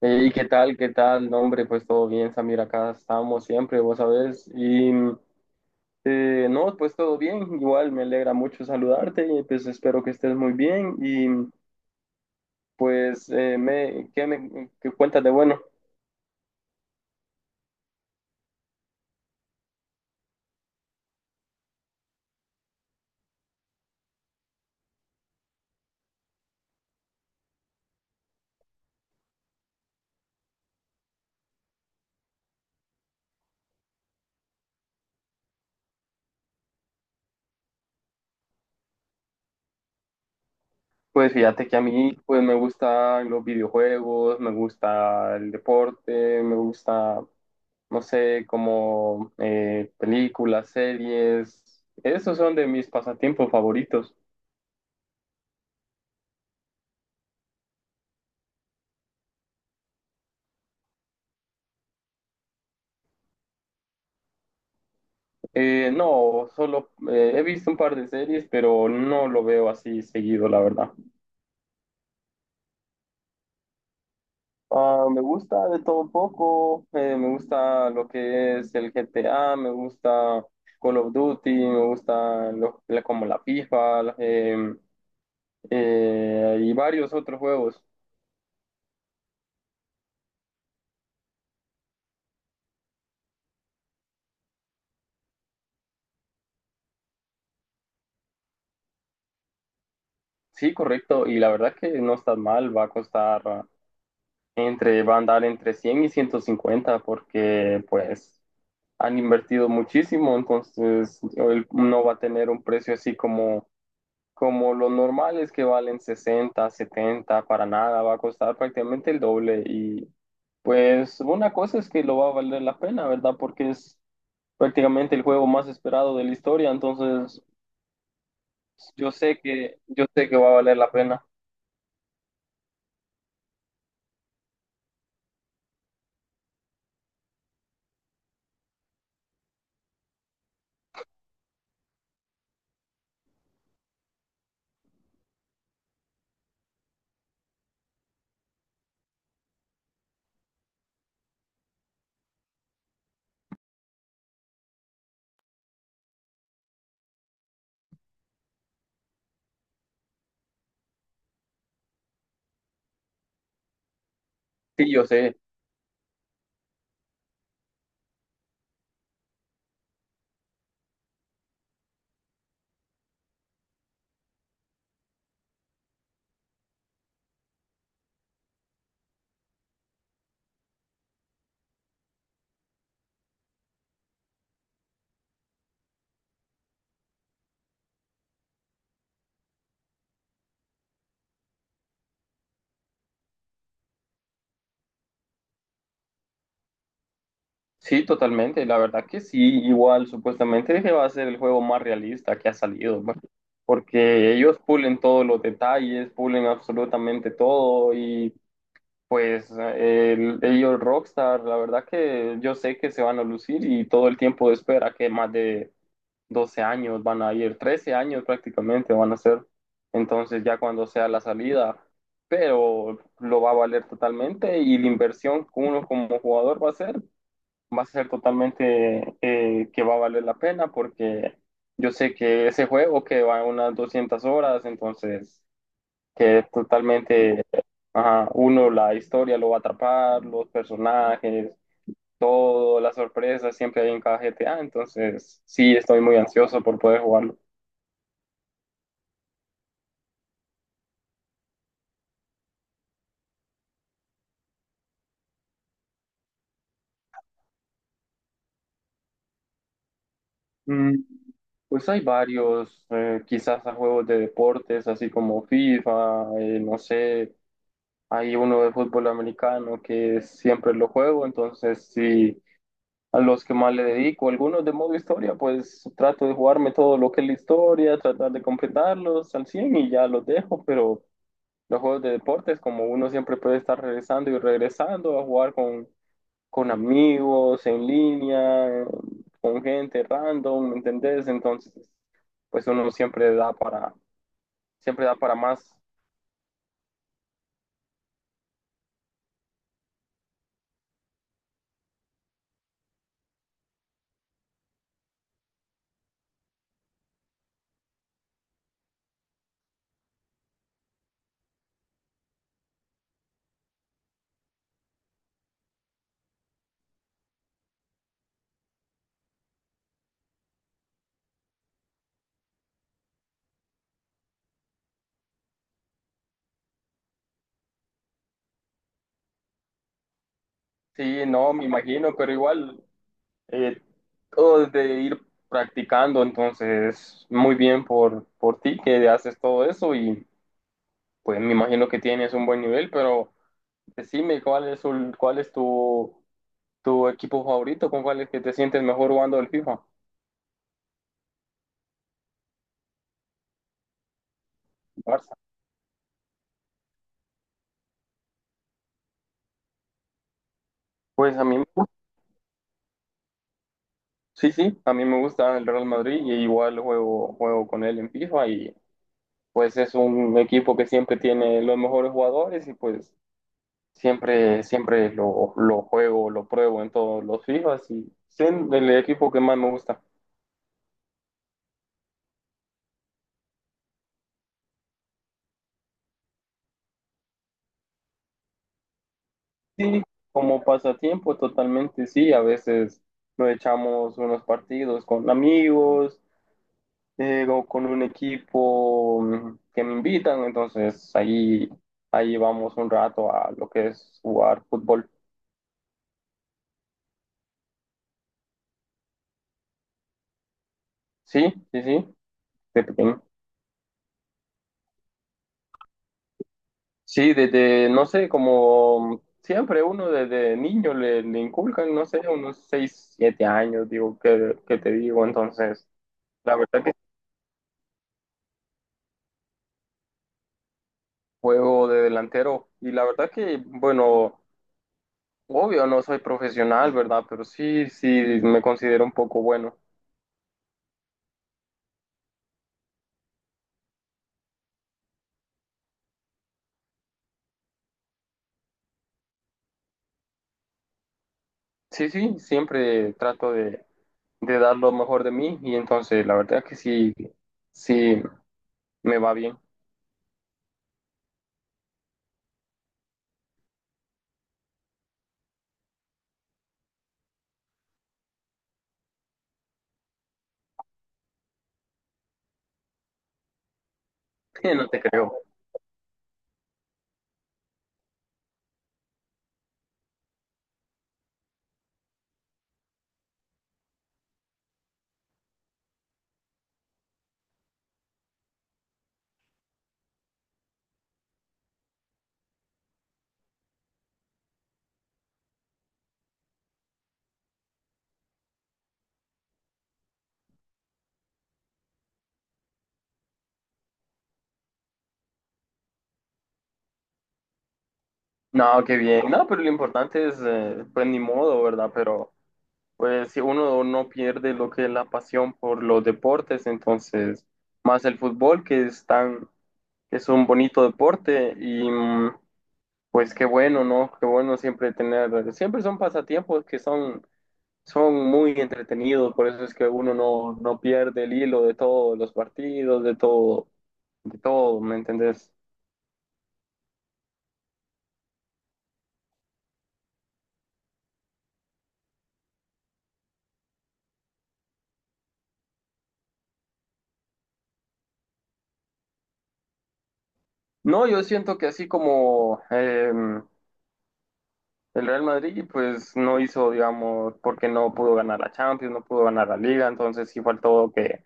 Y ¿qué tal? ¿Qué tal? No, hombre, pues todo bien, Samir, acá estamos siempre, vos sabés. Y no, Pues todo bien, igual me alegra mucho saludarte y pues espero que estés muy bien. Y pues, me qué cuentas de bueno? Pues fíjate que a mí pues me gustan los videojuegos, me gusta el deporte, me gusta, no sé, como películas, series. Esos son de mis pasatiempos favoritos. No, solo he visto un par de series, pero no lo veo así seguido, la verdad. Ah, me gusta de todo un poco, me gusta lo que es el GTA, me gusta Call of Duty, me gusta lo- la- como la FIFA y varios otros juegos. Sí, correcto, y la verdad que no está mal, va a costar va a andar entre 100 y 150, porque pues han invertido muchísimo, entonces él no va a tener un precio así como, como los normales que valen 60, 70, para nada, va a costar prácticamente el doble. Y pues una cosa es que lo va a valer la pena, ¿verdad? Porque es prácticamente el juego más esperado de la historia, entonces yo sé que va a valer la pena. Sí, yo sé. Sí, totalmente. La verdad que sí, igual supuestamente que va a ser el juego más realista que ha salido, ¿no? Porque ellos pulen todos los detalles, pulen absolutamente todo. Y pues ellos Rockstar, la verdad que yo sé que se van a lucir, y todo el tiempo de espera, que más de 12 años van a ir, 13 años prácticamente van a ser. Entonces ya cuando sea la salida, pero lo va a valer totalmente. Y la inversión que uno como jugador va a hacer va a ser totalmente, que va a valer la pena, porque yo sé que ese juego que va a unas 200 horas, entonces que es totalmente, ajá, uno, la historia lo va a atrapar, los personajes, todo, las sorpresas siempre hay en cada GTA. Entonces sí, estoy muy ansioso por poder jugarlo. Mm, pues hay varios, quizás a juegos de deportes, así como FIFA, no sé, hay uno de fútbol americano que siempre lo juego, entonces sí, a los que más le dedico, algunos de modo historia, pues trato de jugarme todo lo que es la historia, tratar de completarlos al 100 y ya los dejo. Pero los juegos de deportes, como uno siempre puede estar regresando y regresando a jugar con amigos, en línea, con gente random, ¿me entendés? Entonces, pues uno siempre da para más. Sí, no, me imagino, pero igual eh, todo de ir practicando, entonces muy bien por ti que haces todo eso. Y pues me imagino que tienes un buen nivel, pero decime cuál es tu, tu equipo favorito, con cuál es que te sientes mejor jugando el FIFA. Barça. Pues a mí, sí, sí, a mí me gusta el Real Madrid, y igual juego, juego con él en FIFA. Y pues es un equipo que siempre tiene los mejores jugadores. Y pues siempre, siempre lo juego, lo pruebo en todos los FIFAs y es el equipo que más me gusta. Sí, como pasatiempo, totalmente sí. A veces nos echamos unos partidos con amigos, o con un equipo, que me invitan. Entonces ahí vamos un rato a lo que es jugar fútbol. Sí, sí, sí, de pequeño. Sí, desde, no sé, como siempre uno desde niño le, le inculcan, no sé, unos 6 7 años, digo, que te digo, entonces, la verdad que juego de delantero. Y la verdad que, bueno, obvio no soy profesional, ¿verdad? Pero sí, sí, me considero un poco bueno. Sí, sí, siempre trato de dar lo mejor de mí. Y entonces la verdad que sí, sí, me va bien. No te creo. No, qué bien. No, pero lo importante es, pues ni modo, ¿verdad? Pero pues si uno no pierde lo que es la pasión por los deportes, entonces más el fútbol, que es tan, que es un bonito deporte. Y mm, pues qué bueno, ¿no? Qué bueno siempre tener, siempre son pasatiempos que son, son muy entretenidos, por eso es que uno no, no pierde el hilo de todos los partidos, de todo, ¿me entendés? No, yo siento que así como, el Real Madrid, pues no hizo, digamos, porque no pudo ganar la Champions, no pudo ganar la Liga, entonces sí faltó que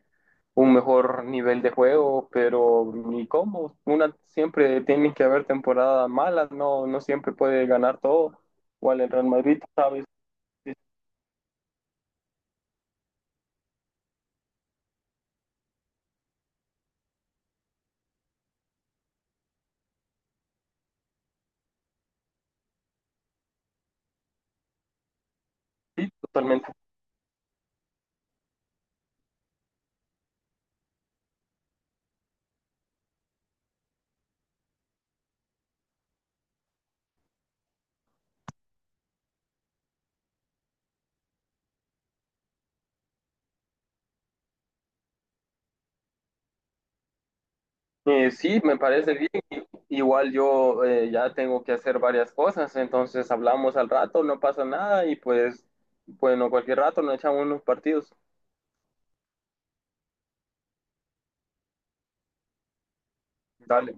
un mejor nivel de juego. Pero ni cómo, una siempre tiene que haber temporadas malas, no, no siempre puede ganar todo, igual el Real Madrid, sabes, sí, totalmente. Sí, me parece bien, igual yo ya tengo que hacer varias cosas, entonces hablamos al rato, no pasa nada. Y pues, bueno, cualquier rato nos echamos unos partidos. Dale.